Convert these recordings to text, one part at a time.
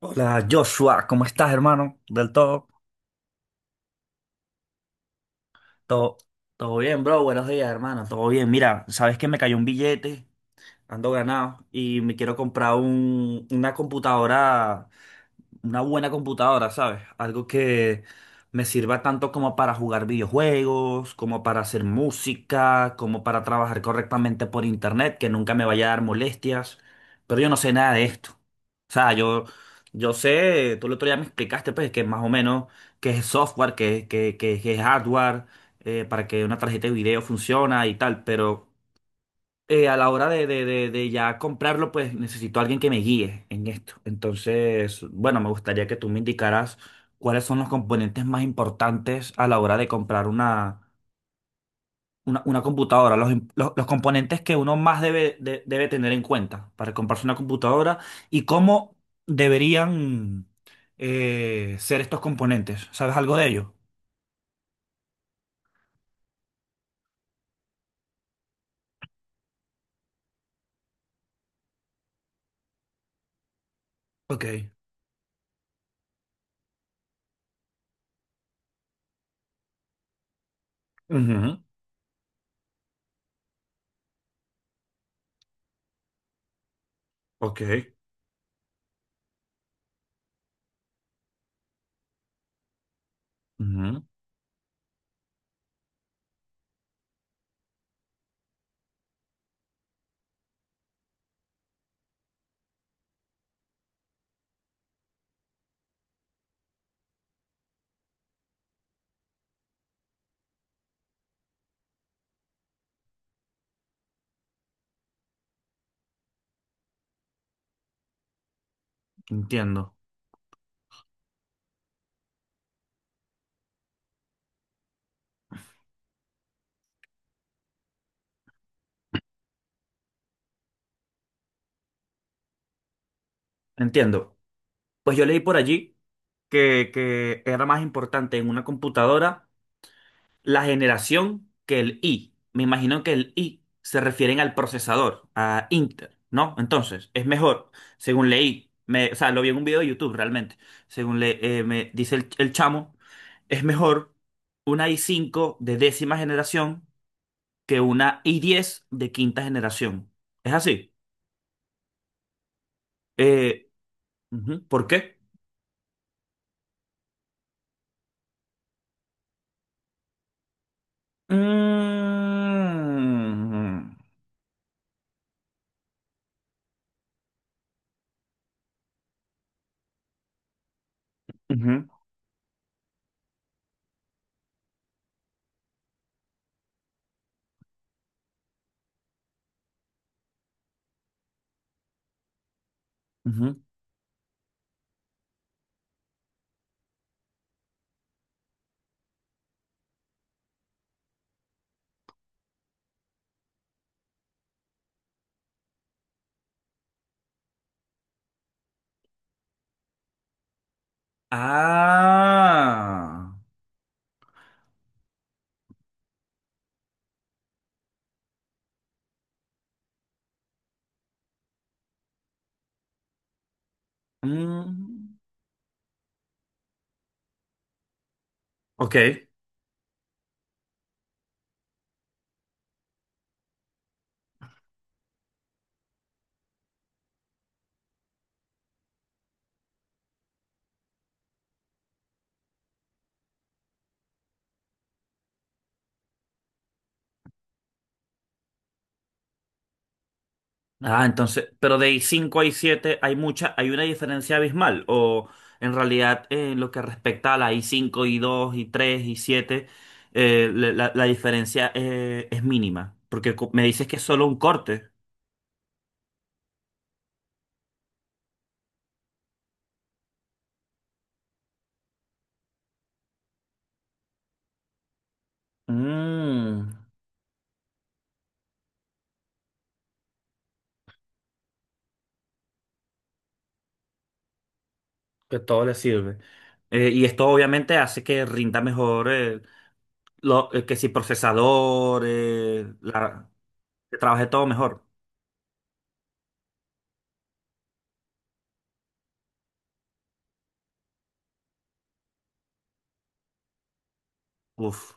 Hola Joshua, ¿cómo estás, hermano? Del todo. Todo, todo bien, bro. Buenos días, hermano. Todo bien. Mira, sabes que me cayó un billete, ando ganado y me quiero comprar una computadora una buena computadora, ¿sabes? Algo que me sirva tanto como para jugar videojuegos, como para hacer música, como para trabajar correctamente por internet, que nunca me vaya a dar molestias. Pero yo no sé nada de esto. O sea, yo sé, tú el otro día me explicaste, pues, que más o menos qué es software, qué es hardware, para que una tarjeta de video funciona y tal, pero a la hora de ya comprarlo, pues necesito a alguien que me guíe en esto. Entonces, bueno, me gustaría que tú me indicaras cuáles son los componentes más importantes a la hora de comprar una computadora, los componentes que uno más debe tener en cuenta para comprarse una computadora y cómo deberían ser estos componentes. ¿Sabes algo de ello? Ok. Ujú. Ok. Ujú. Entiendo. Entiendo. Pues yo leí por allí que era más importante en una computadora la generación que el I. Me imagino que el I se refieren al procesador, a Intel, ¿no? Entonces, es mejor, según leí, o sea, lo vi en un video de YouTube realmente, según me dice el chamo, es mejor una i5 de décima generación que una i10 de quinta generación. ¿Es así? Eh, Ujú, ¿por qué? Mm. Ujú, ujú. Ah. Mm, ok. Ah, entonces, pero de cinco a siete hay una diferencia abismal. O en realidad, en lo que respecta a la i5 i2 i3 i7, la la diferencia es mínima. Porque me dices que es solo un corte. Mm, que todo le sirve. Y esto obviamente hace que rinda mejor, lo, que si procesador, la. Trabajé todo mejor. Uf.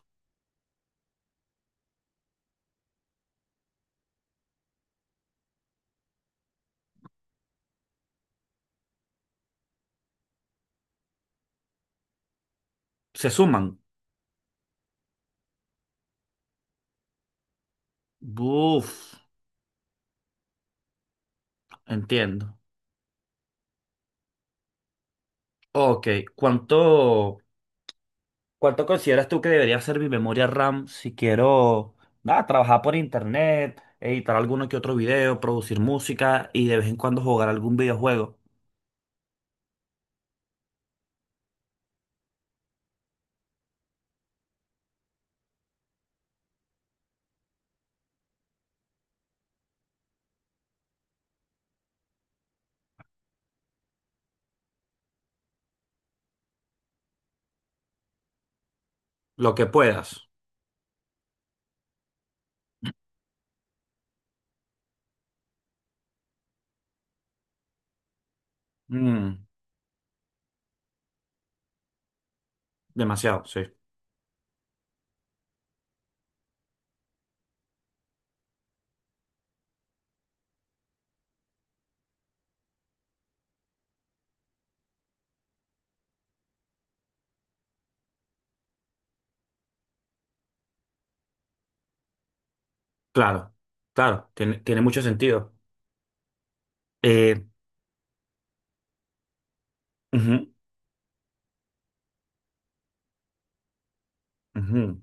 Se suman. Uf. Entiendo. Ok. ¿Cuánto, cuánto consideras tú que debería ser mi memoria RAM si quiero, nada, trabajar por internet, editar alguno que otro video, producir música y de vez en cuando jugar algún videojuego? Lo que puedas. Mm, demasiado, sí. Claro. Claro. Tiene mucho sentido. Eh, Ujú, ujú.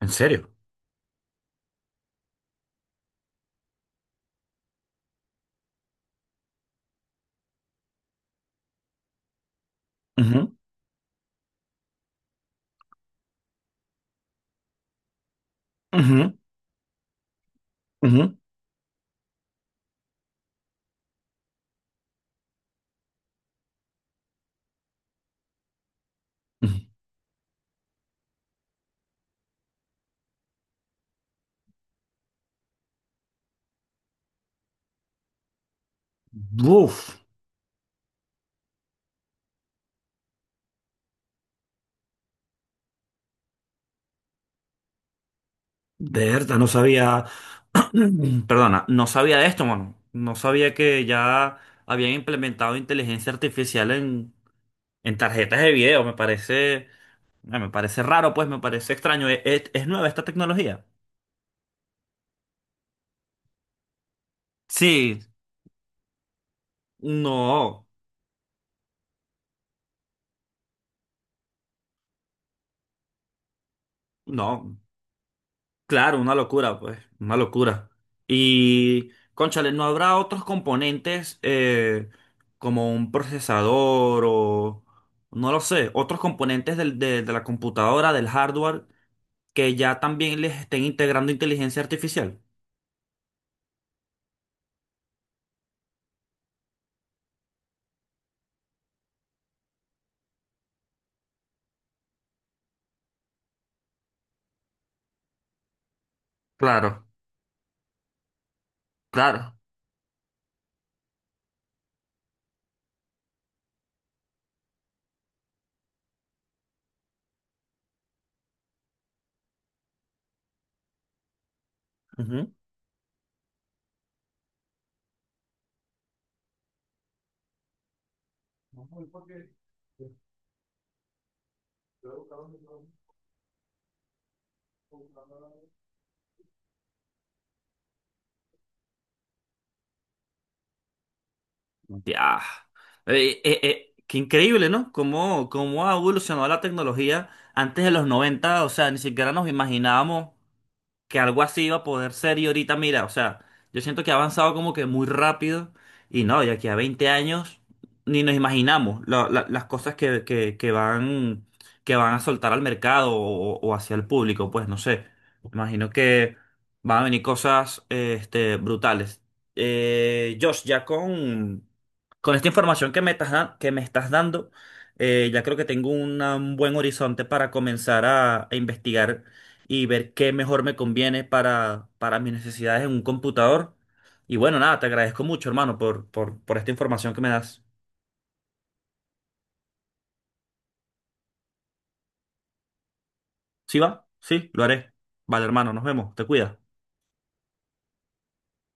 ¿En serio? Ujú, ujú, ujú, ujú. Uf. De verdad, no sabía, perdona, no sabía de esto, mano. No sabía que ya habían implementado inteligencia artificial en, tarjetas de video. Ah, me parece raro, pues, me parece extraño. ¿Es nueva esta tecnología? Sí, no, no. Claro, una locura, pues, una locura. Y, cónchale, ¿no habrá otros componentes, como un procesador o, no lo sé, otros componentes de la computadora, del hardware, que ya también les estén integrando inteligencia artificial? Claro, claro. Ujú. Ya. Qué increíble, ¿no? Cómo ha evolucionado la tecnología antes de los 90, o sea, ni siquiera nos imaginábamos que algo así iba a poder ser. Y ahorita mira, o sea, yo siento que ha avanzado como que muy rápido y no, de aquí a 20 años ni nos imaginamos las cosas que van a soltar al mercado o hacia el público, pues no sé. Me imagino que van a venir cosas, brutales. Josh, ya con esta información que que me estás dando, ya creo que tengo un buen horizonte para comenzar a investigar y ver qué mejor me conviene para mis necesidades en un computador. Y bueno, nada, te agradezco mucho, hermano, por esta información que me das. ¿Sí va? Sí, lo haré. Vale, hermano, nos vemos. Te cuidas.